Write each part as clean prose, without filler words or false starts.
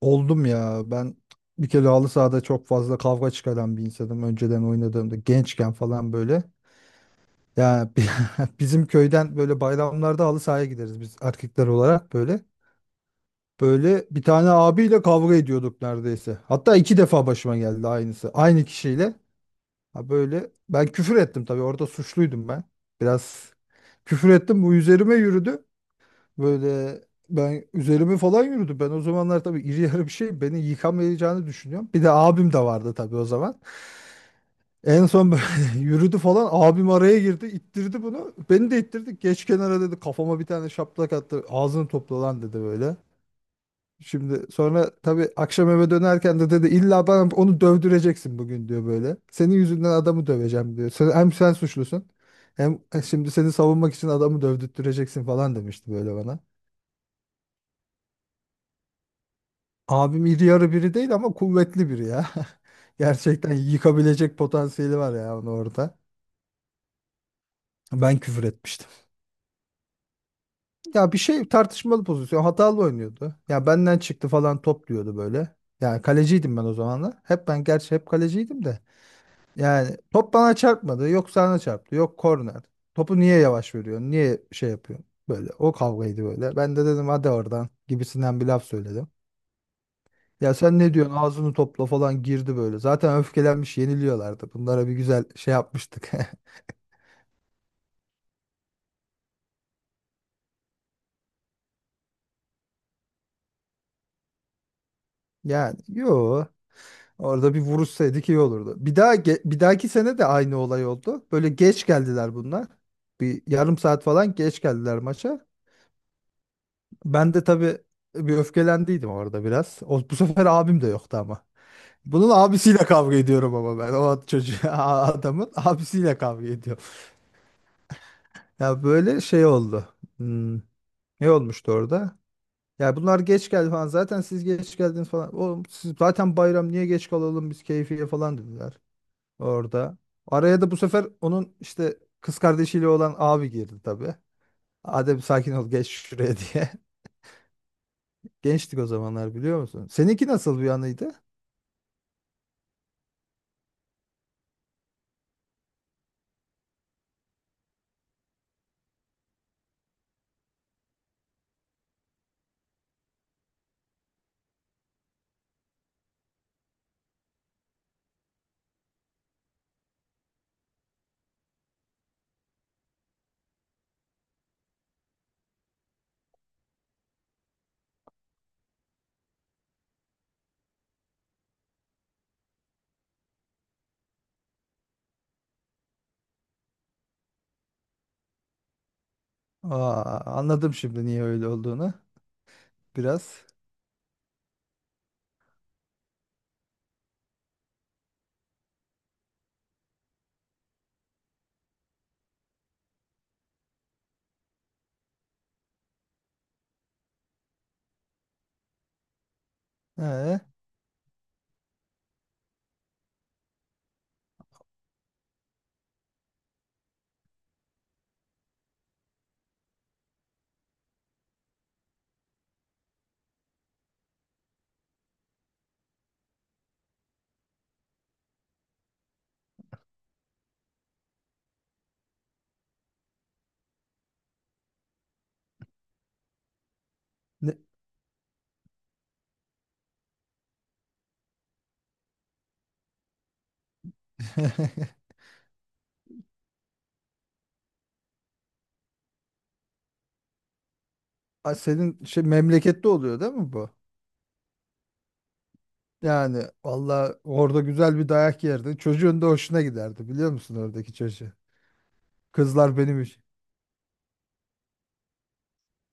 Oldum ya. Ben bir kere halı sahada çok fazla kavga çıkaran bir insanım. Önceden oynadığımda gençken falan böyle. Ya bizim köyden böyle bayramlarda halı sahaya gideriz biz erkekler olarak böyle. Böyle bir tane abiyle kavga ediyorduk neredeyse. Hatta iki defa başıma geldi aynısı. Aynı kişiyle. Ha, böyle ben küfür ettim, tabii orada suçluydum ben. Biraz küfür ettim, bu üzerime yürüdü. Böyle ben üzerime falan yürüdü. Ben o zamanlar tabii iri yarı bir şey, beni yıkamayacağını düşünüyorum. Bir de abim de vardı tabii o zaman. En son böyle yürüdü falan, abim araya girdi, ittirdi bunu. Beni de ittirdi. Geç kenara dedi, kafama bir tane şaplak attı. Ağzını topla lan dedi böyle. Şimdi sonra tabii akşam eve dönerken de dedi illa bana onu dövdüreceksin bugün diyor böyle. Senin yüzünden adamı döveceğim diyor. Sen, hem sen suçlusun, hem şimdi seni savunmak için adamı dövdürteceksin falan demişti böyle bana. Abim iri yarı biri değil ama kuvvetli biri ya. Gerçekten yıkabilecek potansiyeli var ya onu orada. Ben küfür etmiştim. Ya bir şey, tartışmalı pozisyon. Hatalı oynuyordu. Ya benden çıktı falan top diyordu böyle. Yani kaleciydim ben o zamanlar. Hep ben, gerçi hep kaleciydim de. Yani top bana çarpmadı. Yok, sana çarptı. Yok, korner. Topu niye yavaş veriyorsun? Niye şey yapıyorsun? Böyle o kavgaydı böyle. Ben de dedim hadi oradan gibisinden bir laf söyledim. Ya sen ne diyorsun, ağzını topla falan girdi böyle. Zaten öfkelenmiş, yeniliyorlardı. Bunlara bir güzel şey yapmıştık. Yani yo, orada bir vuruşsaydık iyi olurdu. Bir daha bir dahaki sene de aynı olay oldu. Böyle geç geldiler bunlar. Bir yarım saat falan geç geldiler maça. Ben de tabii bir öfkelendiydim orada biraz. O, bu sefer abim de yoktu ama. Bunun abisiyle kavga ediyorum ama ben. O çocuğu, adamın abisiyle kavga ediyorum. Ya böyle şey oldu. Hmm, ne olmuştu orada? Ya bunlar geç geldi falan. Zaten siz geç geldiniz falan. Oğlum siz zaten bayram niye geç kalalım biz keyfiye falan dediler orada. Araya da bu sefer onun işte kız kardeşiyle olan abi girdi tabii. Adem sakin ol, geç şuraya diye. Gençtik o zamanlar, biliyor musun? Seninki nasıl bir anıydı? Aa, anladım şimdi niye öyle olduğunu biraz. Ee, ne- Aa, senin şey memlekette oluyor değil mi bu? Yani valla orada güzel bir dayak yerdi. Çocuğun da hoşuna giderdi, biliyor musun oradaki çocuğu? Kızlar benim için.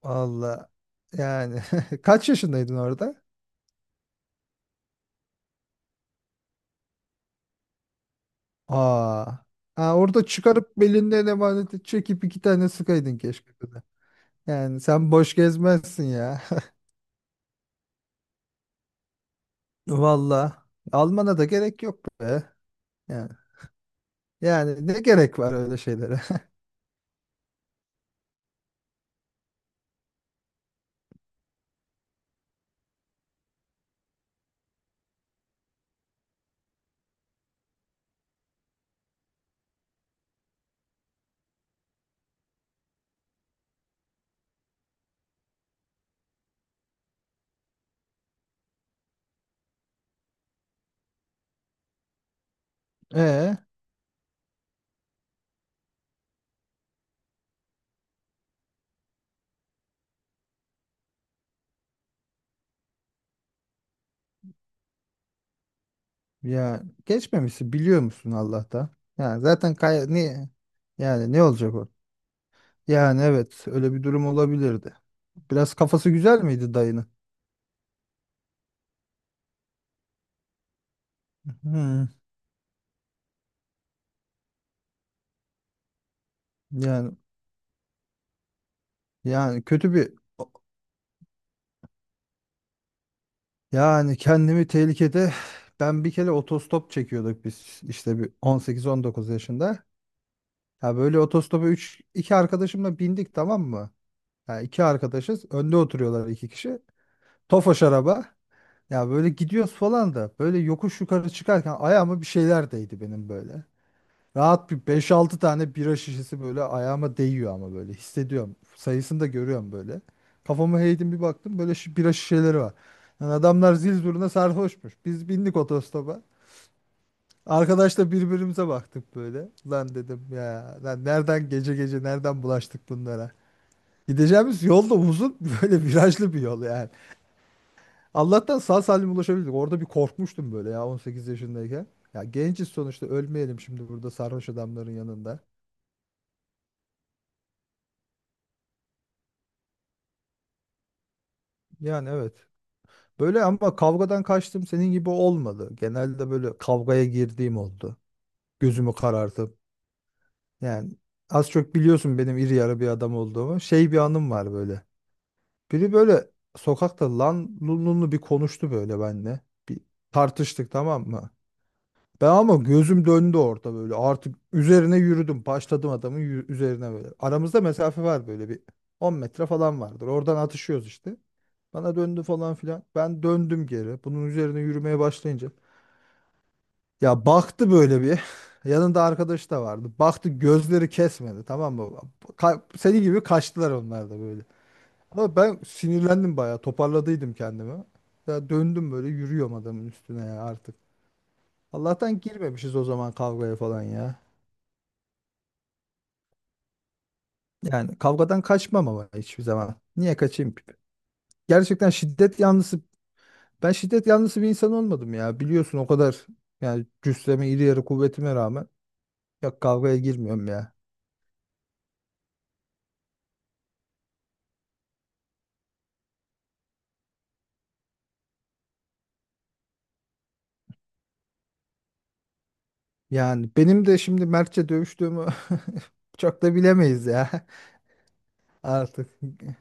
Valla yani kaç yaşındaydın orada? Aa. Ha, orada çıkarıp belinden emaneti çekip iki tane sıkaydın keşke. Kıza. Yani sen boş gezmezsin ya. Valla almana da gerek yok be. Yani, yani ne gerek var öyle şeylere? E ya geçmemişsin biliyor musun Allah'tan? Yani zaten niye? Yani ne olacak o? Yani evet, öyle bir durum olabilirdi. Biraz kafası güzel miydi dayının? Hmm, yani kötü bir, yani kendimi tehlikede, ben bir kere otostop çekiyorduk biz işte bir 18-19 yaşında. Ya böyle otostopa 3 iki arkadaşımla bindik, tamam mı? Ya iki arkadaşız. Önde oturuyorlar iki kişi. Tofaş araba. Ya böyle gidiyoruz falan da böyle yokuş yukarı çıkarken ayağıma bir şeyler değdi benim böyle. Rahat bir beş altı tane bira şişesi böyle ayağıma değiyor ama böyle hissediyorum. Sayısını da görüyorum böyle. Kafamı eğdim, bir baktım böyle bira şişeleri var. Yani adamlar zil zurna sarhoşmuş. Biz bindik otostopa. Arkadaşla birbirimize baktık böyle. Lan dedim ya lan nereden, gece gece nereden bulaştık bunlara. Gideceğimiz yol da uzun, böyle virajlı bir yol yani. Allah'tan sağ salim ulaşabildik. Orada bir korkmuştum böyle ya 18 yaşındayken. Ya genciz sonuçta, ölmeyelim şimdi burada sarhoş adamların yanında. Yani evet. Böyle ama kavgadan kaçtım senin gibi olmadı. Genelde böyle kavgaya girdiğim oldu. Gözümü karartıp. Yani az çok biliyorsun benim iri yarı bir adam olduğumu. Şey bir anım var böyle. Biri böyle sokakta lan lunlu bir konuştu böyle benimle. Bir tartıştık, tamam mı? Ben ama gözüm döndü orada böyle. Artık üzerine yürüdüm. Başladım adamın üzerine böyle. Aramızda mesafe var böyle bir 10 metre falan vardır. Oradan atışıyoruz işte. Bana döndü falan filan. Ben döndüm geri. Bunun üzerine yürümeye başlayınca. Ya baktı böyle bir. Yanında arkadaş da vardı. Baktı, gözleri kesmedi, tamam mı? Seni gibi kaçtılar onlar da böyle. Ama ben sinirlendim bayağı. Toparladıydım kendimi. Ya döndüm böyle yürüyorum adamın üstüne ya artık. Allah'tan girmemişiz o zaman kavgaya falan ya. Yani kavgadan kaçmam ama hiçbir zaman. Niye kaçayım ki? Gerçekten şiddet yanlısı. Ben şiddet yanlısı bir insan olmadım ya. Biliyorsun o kadar, yani cüsseme, iri yarı kuvvetime rağmen ya kavgaya girmiyorum ya. Yani benim de şimdi mertçe dövüştüğümü çok da bilemeyiz ya artık.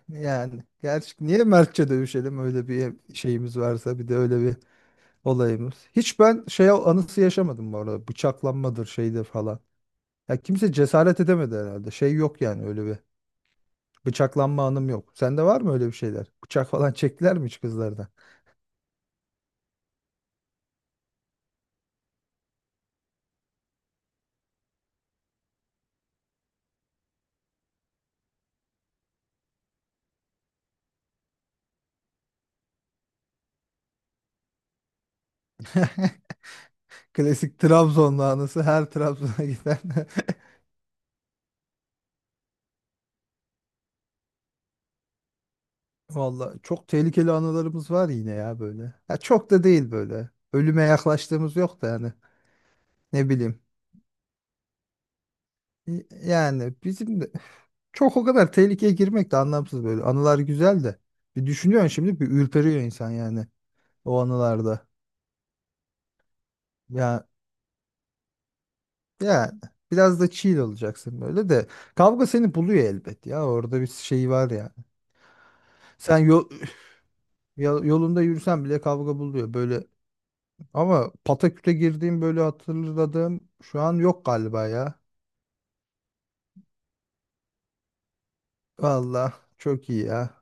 Yani gerçi niye mertçe dövüşelim, öyle bir şeyimiz varsa, bir de öyle bir olayımız. Hiç ben şey anısı yaşamadım bu arada. Bıçaklanmadır şeyde falan. Ya kimse cesaret edemedi herhalde. Şey yok yani öyle bir. Bıçaklanma anım yok. Sende var mı öyle bir şeyler? Bıçak falan çektiler mi hiç kızlardan? Klasik Trabzonlu anısı her Trabzon'a giden. Vallahi çok tehlikeli anılarımız var yine ya böyle. Ya çok da değil böyle. Ölüme yaklaştığımız yok da yani. Ne bileyim. Yani bizim de çok o kadar tehlikeye girmek de anlamsız böyle. Anılar güzel de. Bir düşünüyorsun şimdi bir ürperiyor insan yani o anılarda. Ya, yani biraz da chill olacaksın böyle de. Kavga seni buluyor elbet ya. Orada bir şey var yani. Sen yol, yolunda yürüsen bile kavga buluyor böyle. Ama Pataküt'e girdiğim böyle hatırladığım şu an yok galiba ya. Valla çok iyi ya.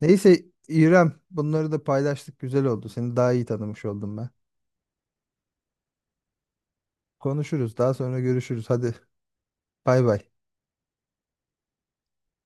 Neyse İrem, bunları da paylaştık, güzel oldu. Seni daha iyi tanımış oldum ben. Konuşuruz, daha sonra görüşürüz. Hadi bay bay.